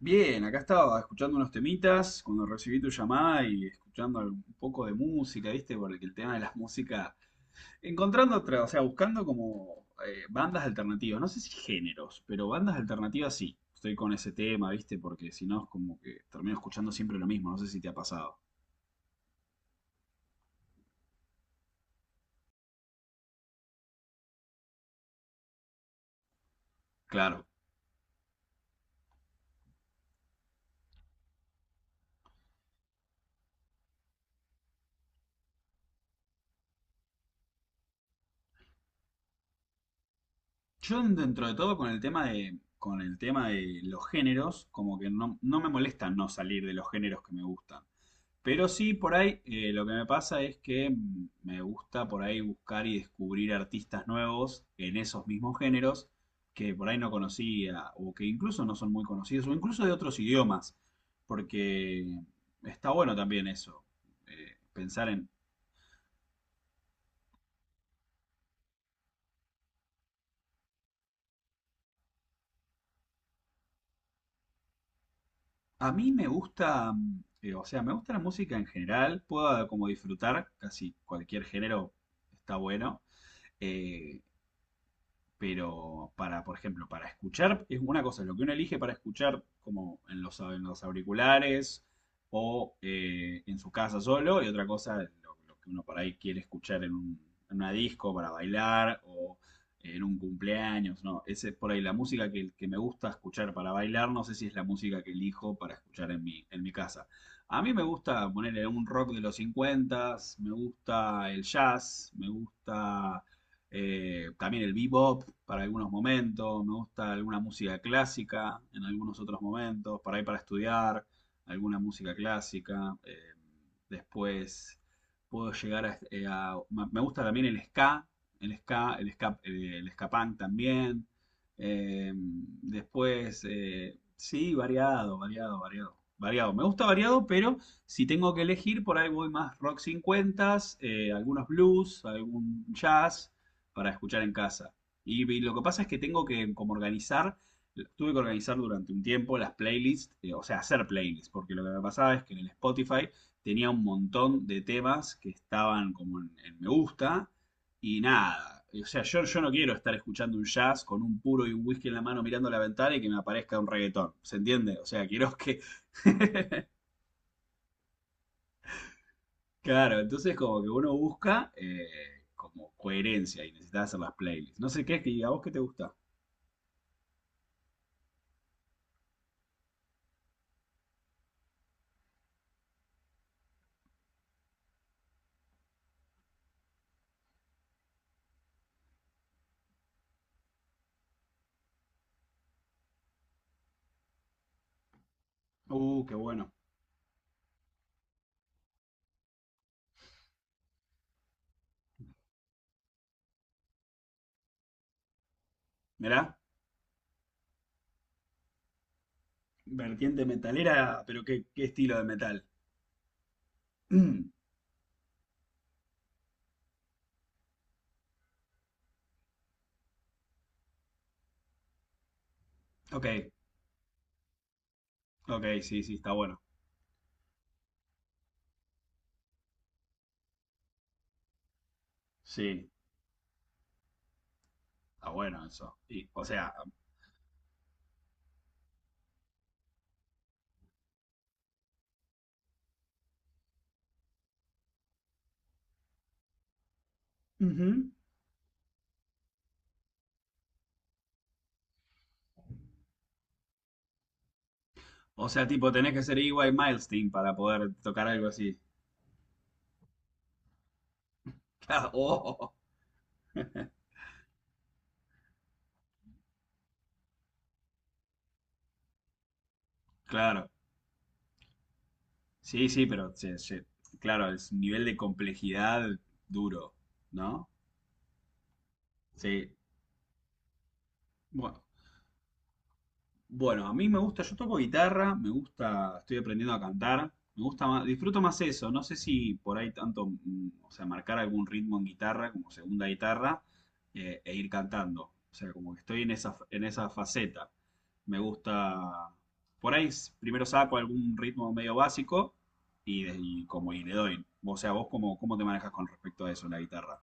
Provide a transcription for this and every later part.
Bien, acá estaba escuchando unos temitas cuando recibí tu llamada y escuchando un poco de música, ¿viste? Porque el tema de las músicas, encontrando otra, o sea, buscando como bandas alternativas, no sé si géneros, pero bandas alternativas sí. Estoy con ese tema, ¿viste? Porque si no es como que termino escuchando siempre lo mismo, no sé si te ha pasado. Claro. Yo dentro de todo con el tema de, con el tema de los géneros, como que no, no me molesta no salir de los géneros que me gustan. Pero sí, por ahí lo que me pasa es que me gusta por ahí buscar y descubrir artistas nuevos en esos mismos géneros que por ahí no conocía o que incluso no son muy conocidos o incluso de otros idiomas, porque está bueno también eso, pensar en. A mí me gusta, o sea, me gusta la música en general, puedo como disfrutar casi cualquier género, está bueno. Eh, pero para, por ejemplo, para escuchar, es una cosa, lo que uno elige para escuchar como en los, auriculares o en su casa solo, y otra cosa, lo que uno por ahí quiere escuchar en una disco para bailar o en un cumpleaños, ¿no? Ese es por ahí la música que me gusta escuchar para bailar, no sé si es la música que elijo para escuchar en mi casa. A mí me gusta ponerle un rock de los 50, me gusta el jazz, me gusta también el bebop para algunos momentos, me gusta alguna música clásica en algunos otros momentos, para estudiar, alguna música clásica. Después puedo llegar a, me gusta también el ska, el ska punk también. Después, sí, variado, variado, variado. Variado. Me gusta variado, pero si tengo que elegir, por ahí voy más rock 50, algunos blues, algún jazz para escuchar en casa. Y lo que pasa es que tengo que como organizar, tuve que organizar durante un tiempo las playlists, o sea, hacer playlists, porque lo que me pasaba es que en el Spotify tenía un montón de temas que estaban como en me gusta y nada. O sea, yo no quiero estar escuchando un jazz con un puro y un whisky en la mano mirando la ventana y que me aparezca un reggaetón. ¿Se entiende? O sea, quiero que... Claro, entonces como que uno busca como coherencia y necesitas hacer las playlists. No sé qué, es que a vos qué te gusta. Qué bueno. Mirá, vertiente metalera, pero qué estilo de metal. Mm, ok, ok, sí, sí, está bueno. Sí, está bueno eso. Y, o sea, ujú. O sea, tipo, tenés que ser EY Milestone para poder tocar algo así. Claro, oh, claro. Sí, sí, pero sí, sí. Claro, es un nivel de complejidad duro, ¿no? Sí. bueno Bueno, a mí me gusta, yo toco guitarra, me gusta, estoy aprendiendo a cantar, me gusta más, disfruto más eso, no sé si por ahí tanto, o sea, marcar algún ritmo en guitarra como segunda guitarra e ir cantando, o sea, como que estoy en esa, faceta, me gusta, por ahí primero saco algún ritmo medio básico y como y le doy, o sea, vos cómo te manejas con respecto a eso en la guitarra.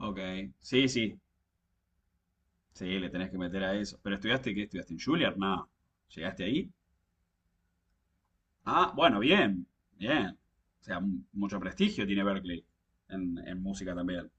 Ok, sí, sí, sí, le tenés que meter a eso, pero estudiaste, ¿qué estudiaste en Juilliard? Nada, ¿llegaste ahí? Ah, bueno, bien, bien. O sea, mucho prestigio tiene Berkeley en, música también.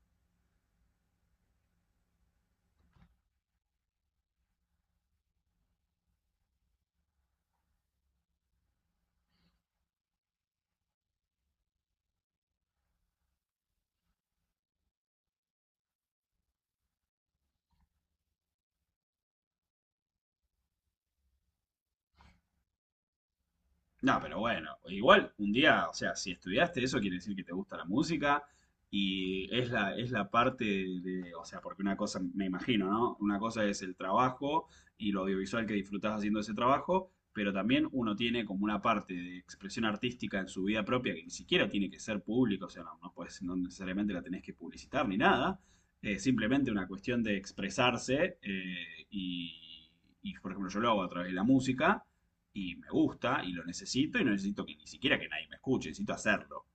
No, pero bueno, igual un día, o sea, si estudiaste eso, quiere decir que te gusta la música y es la parte de, o sea, porque una cosa, me imagino, ¿no? Una cosa es el trabajo y lo audiovisual que disfrutás haciendo ese trabajo, pero también uno tiene como una parte de expresión artística en su vida propia que ni siquiera tiene que ser pública, o sea, no, no, no necesariamente la tenés que publicitar ni nada, es simplemente una cuestión de expresarse y, por ejemplo, yo lo hago a través de la música y me gusta y lo necesito y no necesito que ni siquiera que nadie me escuche, necesito hacerlo.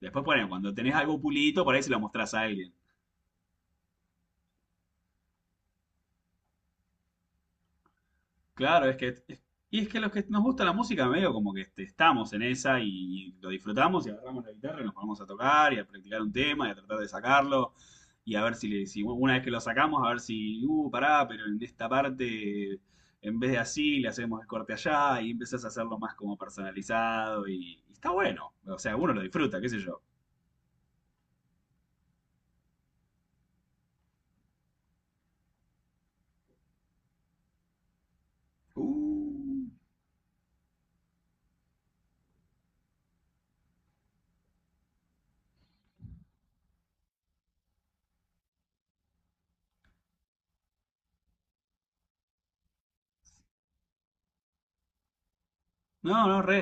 Después, ponen, cuando tenés algo pulito, por ahí se lo mostrás a alguien. Claro, y es que los que nos gusta la música, medio como que este, estamos en esa y lo disfrutamos y agarramos la guitarra y nos ponemos a tocar y a practicar un tema y a tratar de sacarlo y a ver si una vez que lo sacamos, a ver si, pará, pero en esta parte, en vez de así, le hacemos el corte allá y empezás a hacerlo más como personalizado y está bueno. O sea, uno lo disfruta, qué sé yo. Uh, no, no, re.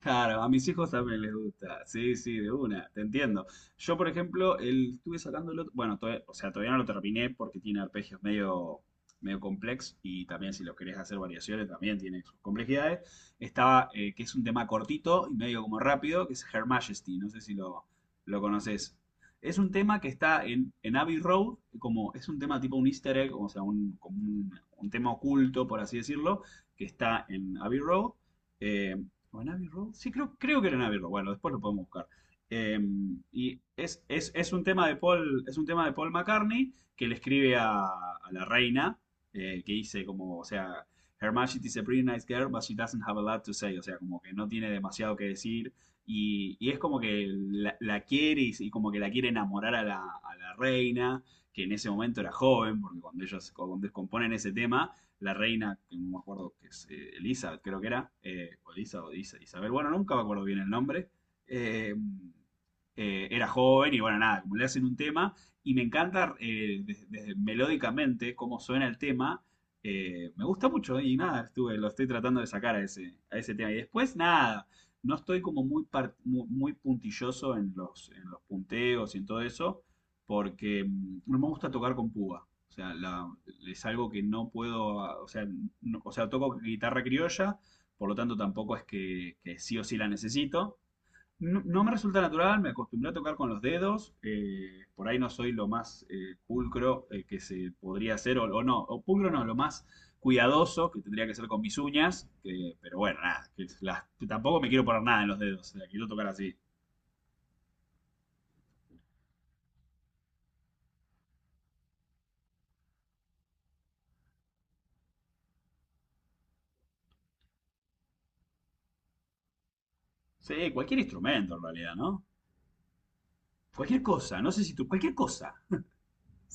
Claro, a mis hijos también les gusta. Sí, sí, de una, te entiendo. Yo, por ejemplo, estuve sacándolo, bueno, o sea, todavía no lo terminé porque tiene arpegios medio, complex y también si lo querés hacer variaciones también tiene sus complejidades. Que es un tema cortito y medio como rápido, que es Her Majesty, no sé si lo conoces. Es un tema que está en Abbey Road, como es un tema tipo un easter egg, o sea, un tema oculto, por así decirlo, que está en Abbey Road. eh, ¿O en Abbey Road? Sí, creo que era en Abbey Road. Bueno, después lo podemos buscar. Eh, y es, un tema de Paul, es un tema de Paul McCartney que le escribe a la reina, que dice como, o sea, Her Majesty is a pretty nice girl, but she doesn't have a lot to say, o sea, como que no tiene demasiado que decir. Y es como que la, quiere y, como que la quiere enamorar a la reina, que en ese momento era joven, porque cuando componen ese tema, la reina, que no me acuerdo que es Elizabeth, creo que era, o Elisa o Isabel, bueno, nunca me acuerdo bien el nombre, eh, era joven y bueno, nada, como le hacen un tema, y me encanta desde melódicamente cómo suena el tema, me gusta mucho y nada, lo estoy tratando de sacar a a ese tema. Y después, nada, no estoy como muy puntilloso en los punteos y en todo eso porque no me gusta tocar con púa. O sea, es algo que no puedo, o sea, o sea, toco guitarra criolla, por lo tanto tampoco es que sí o sí la necesito. No, no me resulta natural, me acostumbré a tocar con los dedos, por ahí no soy lo más pulcro que se podría hacer, o no, o pulcro no, lo más cuidadoso que tendría que ser con mis uñas, pero bueno, nada, tampoco me quiero poner nada en los dedos, o sea, quiero tocar así. Sí, cualquier instrumento en realidad, ¿no? Cualquier cosa, no sé si tú, cualquier cosa.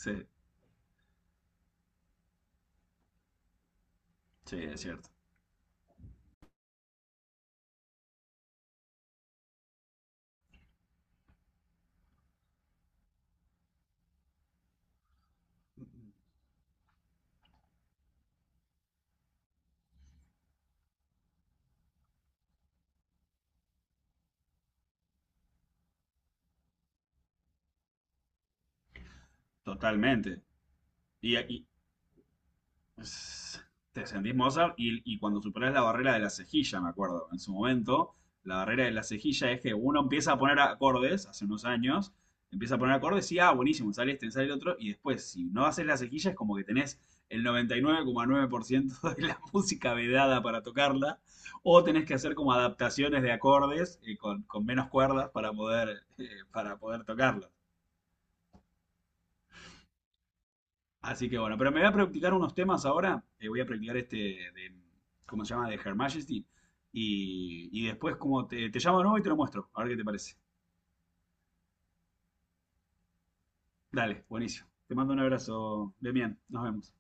Sí. Sí, es cierto. Totalmente. Y, y- pues, te sentís Mozart y cuando superás la barrera de la cejilla, me acuerdo, en su momento, la barrera de la cejilla es que uno empieza a poner acordes, hace unos años, empieza a poner acordes y, ah, buenísimo, sale este, sale el otro, y después, si no haces la cejilla, es como que tenés el noventa y nueve coma nueve por ciento de la música vedada para tocarla, o tenés que hacer como adaptaciones de acordes con, menos cuerdas para poder, tocarla. Así que bueno, pero me voy a practicar unos temas ahora. Voy a practicar este de, ¿cómo se llama? De Her Majesty. Y después, como te, llamo de nuevo y te lo muestro, a ver qué te parece. Dale, buenísimo. Te mando un abrazo, Demian. Nos vemos.